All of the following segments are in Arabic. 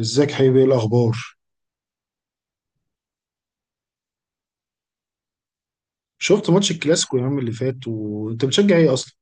ازيك حبيبي؟ ايه الاخبار؟ شفت ماتش الكلاسيكو يا عم اللي فات، وانت بتشجع ايه اصلا؟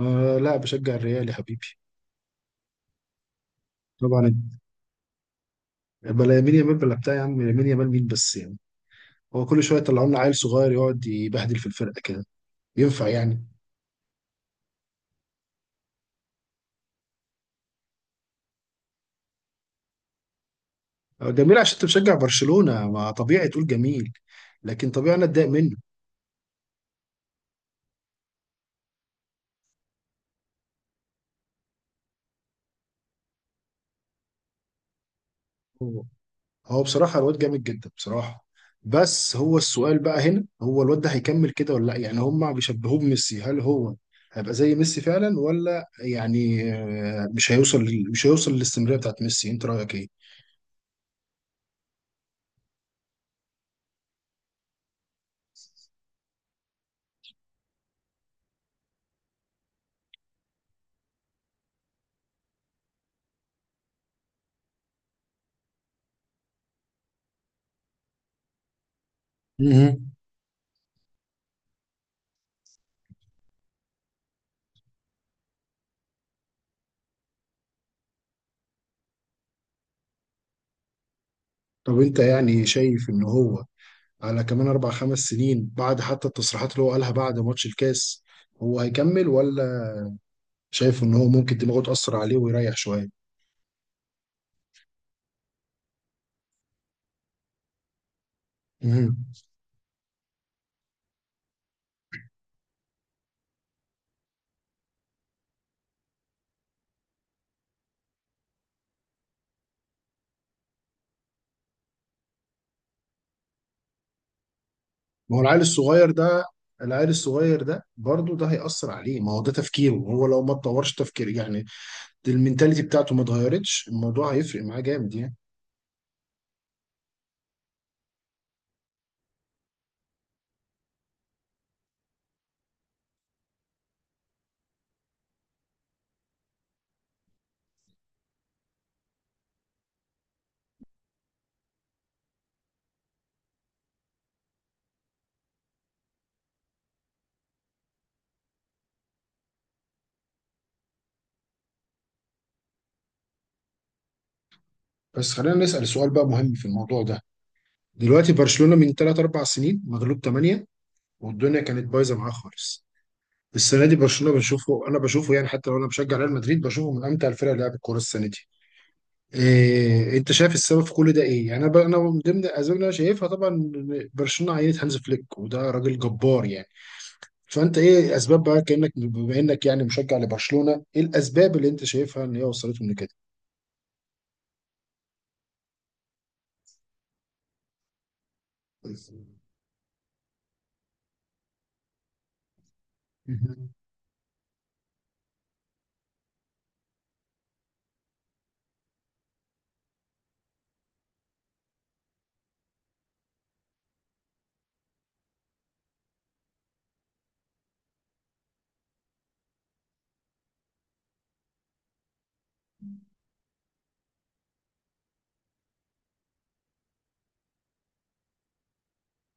آه، لا بشجع الريال يا حبيبي. طبعا. بلا يمين يامال، بلا بتاع يا عم، يمين يامال مين بس يعني؟ هو كل شويه يطلعوا لنا عيل صغير يقعد يبهدل في الفرقه كده. ينفع يعني؟ آه، جميل، عشان انت بتشجع برشلونه ما طبيعي تقول جميل. لكن طبيعي انا اتضايق منه. هو بصراحة الواد جامد جدا بصراحة. بس هو السؤال بقى هنا، هو الواد ده هيكمل كده ولا لا؟ يعني هما بيشبهوه بميسي، هل هو هيبقى زي ميسي فعلا، ولا يعني مش هيوصل مش هيوصل للاستمرارية بتاعت ميسي؟ انت رأيك ايه؟ مهم. طب انت يعني شايف ان هو على كمان اربع خمس سنين بعد، حتى التصريحات اللي هو قالها بعد ماتش الكاس، هو هيكمل، ولا شايف ان هو ممكن دماغه تأثر عليه ويريح شوية؟ مهم. ما هو العيل الصغير ده، العيل الصغير ده برضه ده هيأثر عليه. ما هو ده تفكيره، هو لو ما اتطورش تفكير يعني، المينتاليتي بتاعته ما اتغيرتش، الموضوع هيفرق معاه جامد يعني. بس خلينا نسأل سؤال بقى مهم في الموضوع ده. دلوقتي برشلونة من 3 4 سنين مغلوب 8، والدنيا كانت بايظه معاه خالص. السنه دي برشلونة بنشوفه، انا بشوفه يعني حتى لو انا بشجع ريال مدريد بشوفه من امتع الفرق اللي لعبت كوره السنه دي. إيه انت شايف السبب في كل ده ايه؟ يعني انا انا من ضمن الاسباب اللي انا شايفها طبعا إن برشلونه عينت هانز فليك، وده راجل جبار يعني. فانت ايه اسباب بقى، كانك بما انك يعني مشجع لبرشلونه، ايه الاسباب اللي انت شايفها ان هي وصلتهم لكده؟ مهم.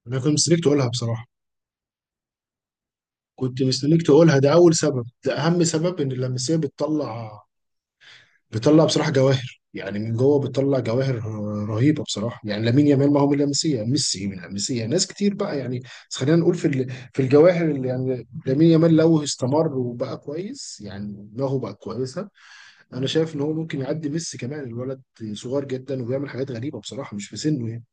انا كنت مستنيك تقولها بصراحه. كنت مستنيك تقولها، ده اول سبب، ده اهم سبب، ان اللمسيه بتطلع بصراحه جواهر، يعني من جوه بتطلع جواهر رهيبه بصراحه. يعني لامين يامال، ما هو من اللمسيه ميسي، من اللمسيه ناس كتير بقى يعني. بس خلينا نقول في في الجواهر اللي يعني لامين يامال لو استمر وبقى كويس يعني دماغه بقى كويسه، انا شايف ان هو ممكن يعدي ميسي كمان. الولد صغير جدا وبيعمل حاجات غريبه بصراحه مش في سنه يعني.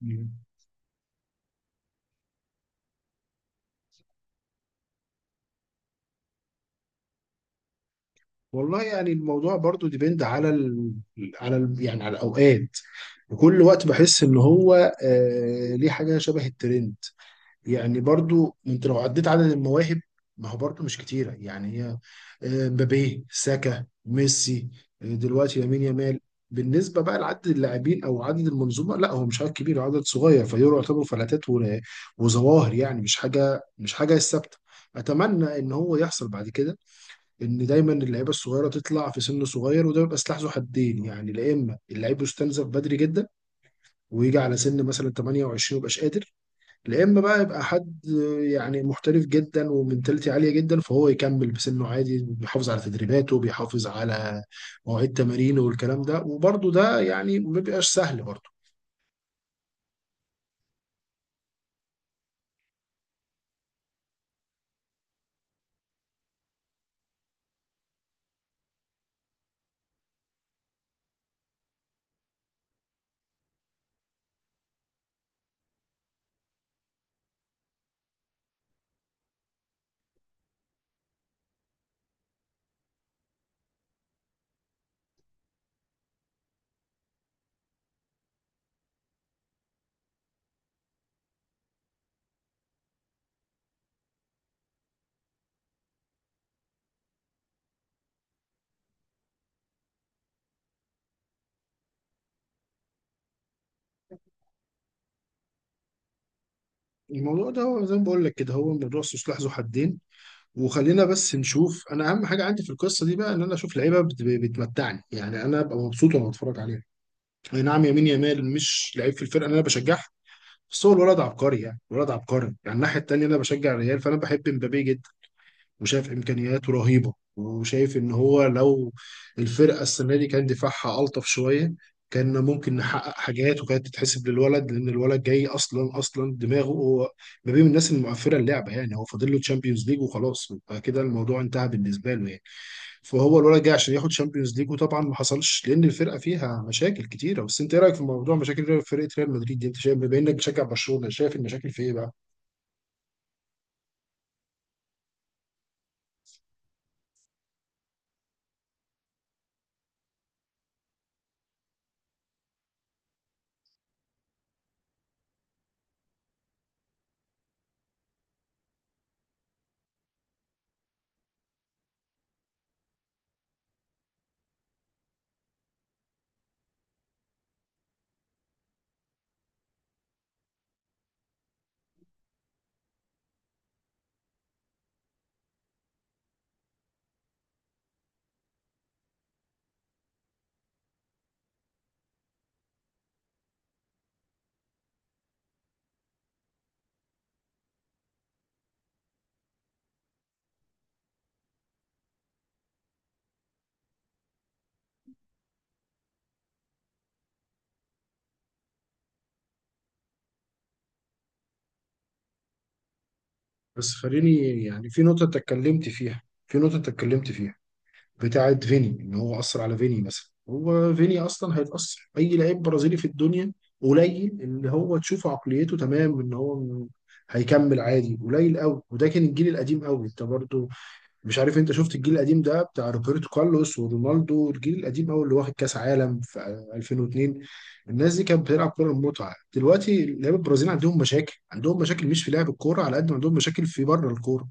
مم. والله يعني الموضوع برضو ديبند على على يعني على الاوقات. وكل وقت بحس ان هو ليه حاجه شبه الترند. يعني برضو انت لو عديت عدد المواهب، ما هو برضو مش كتيرة يعني هي، مبابي، ساكا، ميسي، دلوقتي لامين يامال. بالنسبة بقى لعدد اللاعبين أو عدد المنظومة، لا هو مش عدد كبير، عدد صغير، فدول يعتبروا فلاتات وظواهر يعني، مش حاجة ثابتة. أتمنى إن هو يحصل بعد كده، إن دايما اللعيبة الصغيرة تطلع في سن صغير. وده بيبقى سلاح ذو حدين يعني، لا إما اللعيب يستنزف بدري جدا ويجي على سن مثلا 28 ويبقاش قادر، يا اما بقى يبقى حد يعني محترف جدا ومنتاليتي عاليه جدا، فهو يكمل بسنه عادي، بيحافظ على تدريباته، بيحافظ على مواعيد تمارينه والكلام ده، وبرده ده يعني ما بيبقاش سهل برده. الموضوع ده هو زي ما بقول لك كده، هو موضوع سلاح ذو حدين. وخلينا بس نشوف، انا اهم حاجه عندي في القصه دي بقى ان انا اشوف لعيبه بتمتعني يعني. انا ابقى مبسوط وانا بتفرج عليها. اي نعم، يمين يامال مش لعيب في الفرقه اللي انا بشجعها، بس هو الولد عبقري يعني، الولد عبقري يعني. الناحيه التانيه، انا بشجع الريال فانا بحب مبابي جدا، وشاف امكانياته رهيبه، وشايف ان هو لو الفرقه السنه دي كان دفاعها الطف شويه كان ممكن نحقق حاجات، وكانت تتحسب للولد، لان الولد جاي اصلا اصلا دماغه هو ما بين الناس المقفله اللعبه يعني. هو فاضل له تشامبيونز ليج وخلاص، يبقى كده الموضوع انتهى بالنسبه له يعني. فهو الولد جاي عشان ياخد تشامبيونز ليج، وطبعا ما حصلش لان الفرقه فيها مشاكل كتيره. بس انت ايه رايك في موضوع مشاكل فرقه ريال مدريد دي؟ انت شايف، بما انك بتشجع برشلونه، شايف المشاكل في ايه بقى؟ بس خليني يعني في نقطة انت اتكلمت فيها، في نقطة انت اتكلمت فيها بتاعت فيني، ان هو أثر على فيني مثلا. هو فيني أصلا هيتأثر، أي لعيب برازيلي في الدنيا قليل اللي هو تشوف عقليته تمام ان هو هيكمل عادي، قليل قوي. وده كان الجيل القديم قوي، انت برضو مش عارف انت شفت الجيل القديم ده بتاع روبرتو كارلوس ورونالدو، الجيل القديم قوي اللي واخد كاس عالم في 2002. الناس دي كانت بتلعب كوره المتعه. دلوقتي لعيبه البرازيل عندهم مشاكل، عندهم مشاكل مش في لعب الكوره على قد ما عندهم مشاكل في بره الكوره.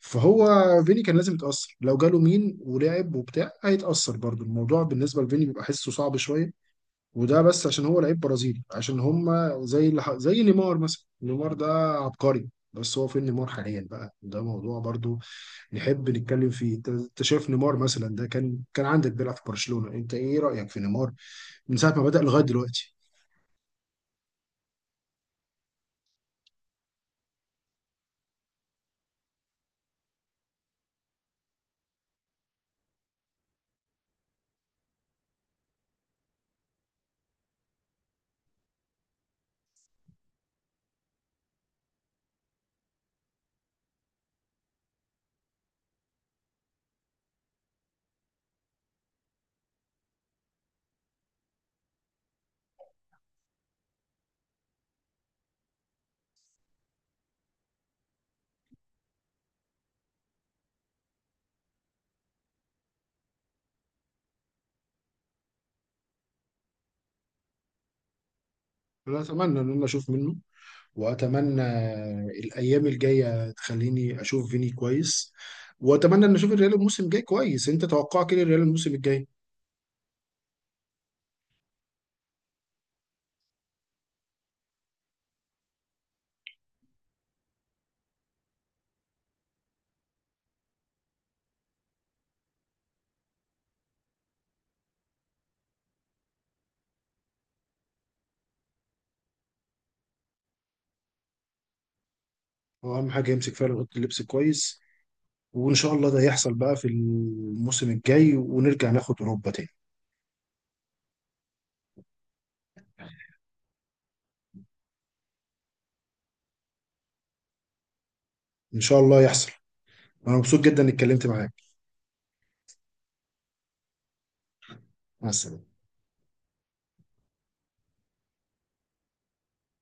فهو فيني كان لازم يتاثر، لو جاله مين ولعب وبتاع هيتاثر برضه. الموضوع بالنسبه لفيني بيبقى حسه صعب شويه، وده بس عشان هو لعيب برازيلي عشان هم زي نيمار مثلا. نيمار ده عبقري، بس هو فين نيمار حاليا بقى؟ ده موضوع برضه نحب نتكلم فيه. انت شايف نيمار مثلا ده كان عندك بيلعب في برشلونة، انت ايه رأيك في نيمار من ساعة ما بدأ لغاية دلوقتي؟ انا اتمنى ان انا اشوف منه، واتمنى الايام الجاية تخليني اشوف فيني كويس، واتمنى ان اشوف الريال الموسم الجاي كويس. انت توقعك ايه للريال الموسم الجاي؟ هو اهم حاجة يمسك فعلا اوضة اللبس كويس، وان شاء الله ده يحصل بقى في الموسم الجاي ونرجع ناخد اوروبا تاني. ان شاء الله يحصل. انا مبسوط جدا اني اتكلمت معاك. مع السلامة.